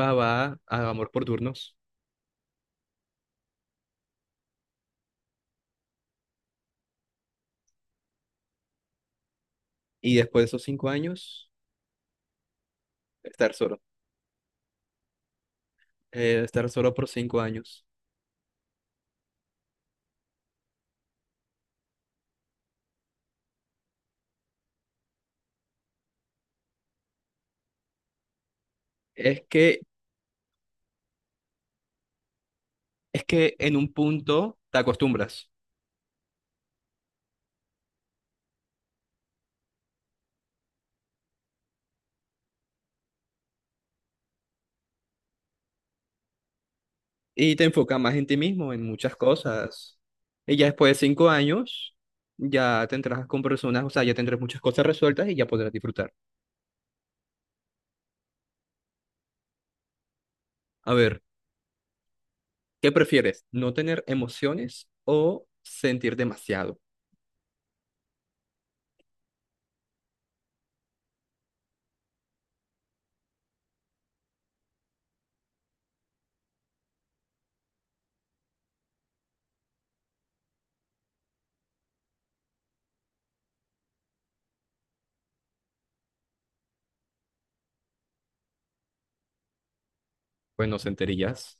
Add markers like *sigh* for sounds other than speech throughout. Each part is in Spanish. Va, a amor por turnos. Y después de esos 5 años, estar solo. Estar solo por 5 años. Es que, es que en un punto te acostumbras y te enfocas más en ti mismo, en muchas cosas. Y ya después de 5 años, ya tendrás con personas, o sea, ya tendrás muchas cosas resueltas y ya podrás disfrutar. A ver, ¿qué prefieres? ¿No tener emociones o sentir demasiado? Pues no sentirías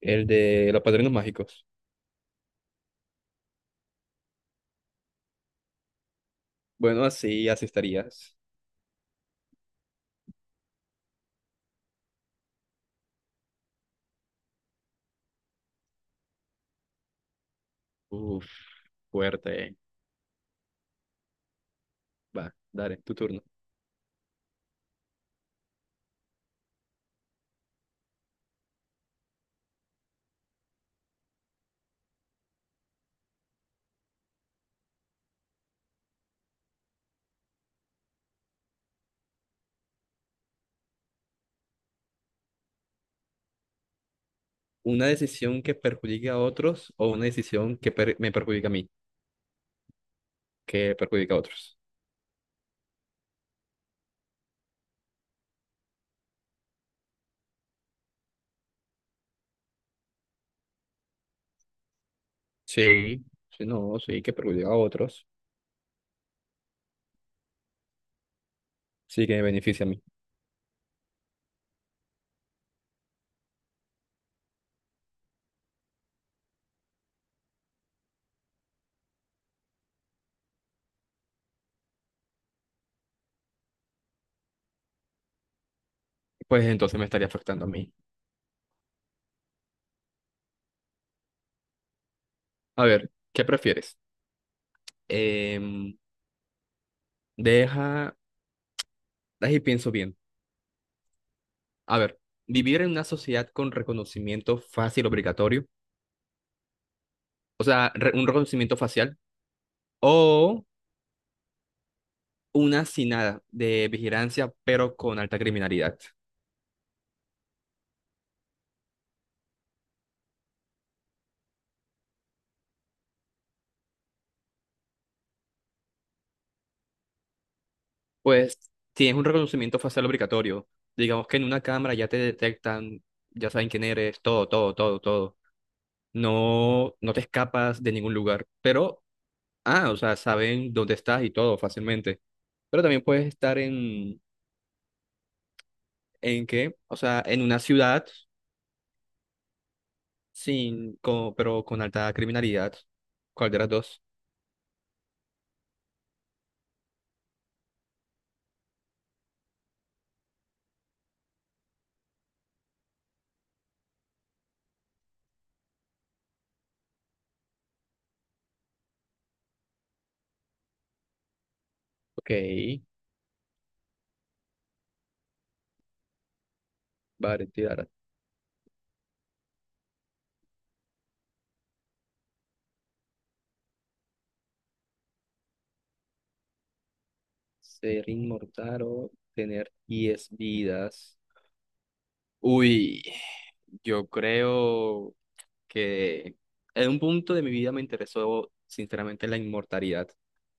el de los padrinos mágicos. Bueno, así, así estarías. Uf, fuerte. Va, dale, tu turno. Una decisión que perjudique a otros o una decisión me perjudica a mí, que perjudica a otros. Sí, sí, no, sí, que perjudica a otros. Sí, que me beneficia a mí. Pues entonces me estaría afectando a mí. A ver, ¿qué prefieres? Em, deja, ahí pienso bien. A ver, vivir en una sociedad con reconocimiento fácil obligatorio, o sea, un reconocimiento facial, o una sin nada de vigilancia, pero con alta criminalidad. Pues tienes un reconocimiento facial obligatorio. Digamos que en una cámara ya te detectan, ya saben quién eres, todo, todo, todo, todo. No, no te escapas de ningún lugar. Pero, ah, o sea, saben dónde estás y todo fácilmente. Pero también puedes estar ¿en qué? O sea, en una ciudad sin, con pero con alta criminalidad. ¿Cuál de las dos? Ok, vale, tirar. Ser inmortal o tener 10 vidas. Uy. Yo creo que en un punto de mi vida me interesó sinceramente la inmortalidad.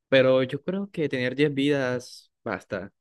Pero yo creo que tener 10 vidas basta.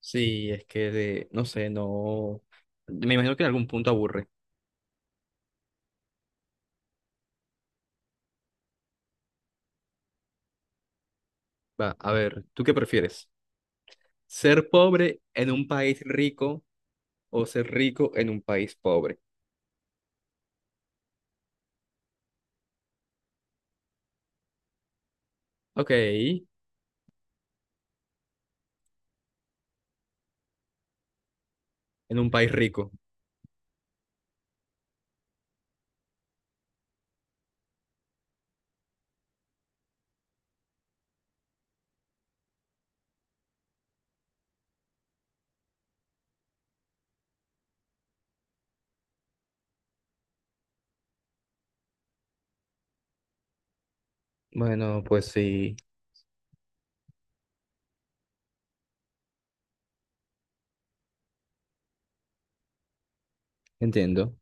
Sí, es que de, no sé, no. Me imagino que en algún punto aburre. Va, a ver, ¿tú qué prefieres? ¿Ser pobre en un país rico o ser rico en un país pobre? Ok, en un país rico. Bueno, pues sí, entiendo.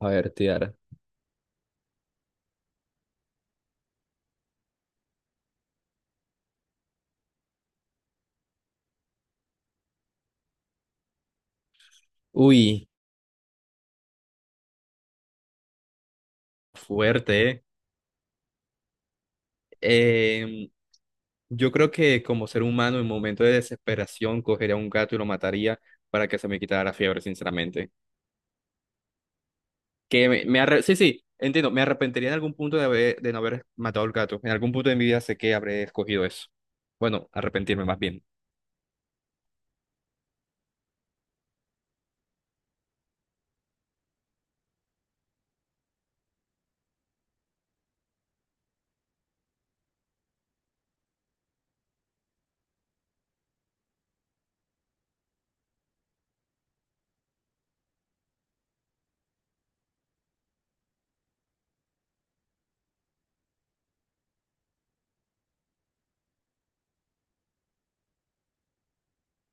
A ver, Tiara. Uy, fuerte, ¿eh? Em, Yo creo que como ser humano en momento de desesperación cogería a un gato y lo mataría para que se me quitara la fiebre, sinceramente. Que sí, sí, entiendo, me arrepentiría en algún punto de haber, de no haber matado al gato. En algún punto de mi vida sé que habré escogido eso. Bueno, arrepentirme más bien.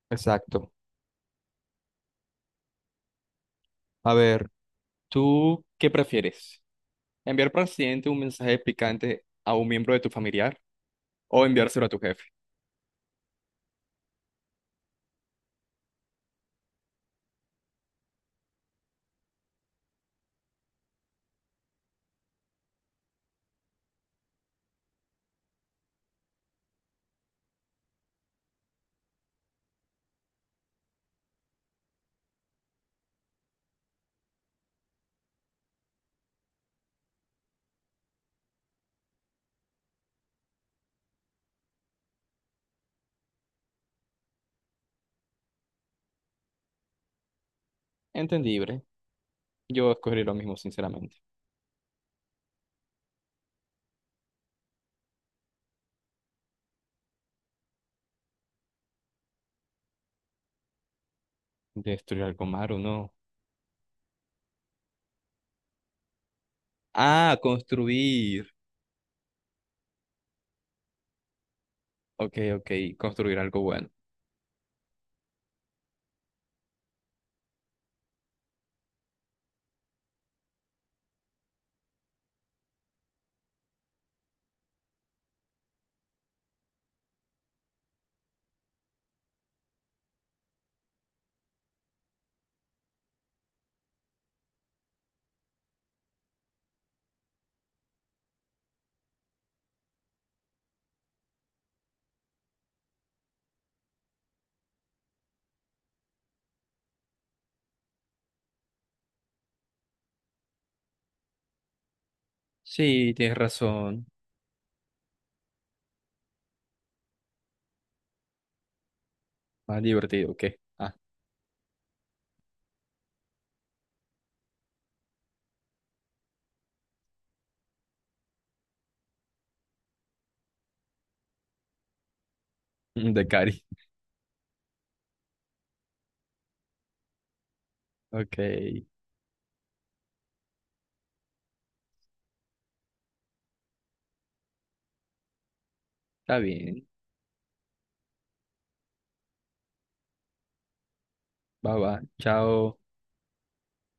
Exacto. A ver, ¿tú qué prefieres? ¿Enviar por accidente un mensaje picante a un miembro de tu familiar o enviárselo a tu jefe? Entendible. Yo escogería lo mismo, sinceramente. Destruir algo malo, no. Ah, construir. Ok, ok, construir algo bueno. Sí, tienes razón. Más divertido que. Ah, *laughs* de Cari. Ok, está bien. Bye bye. Chao.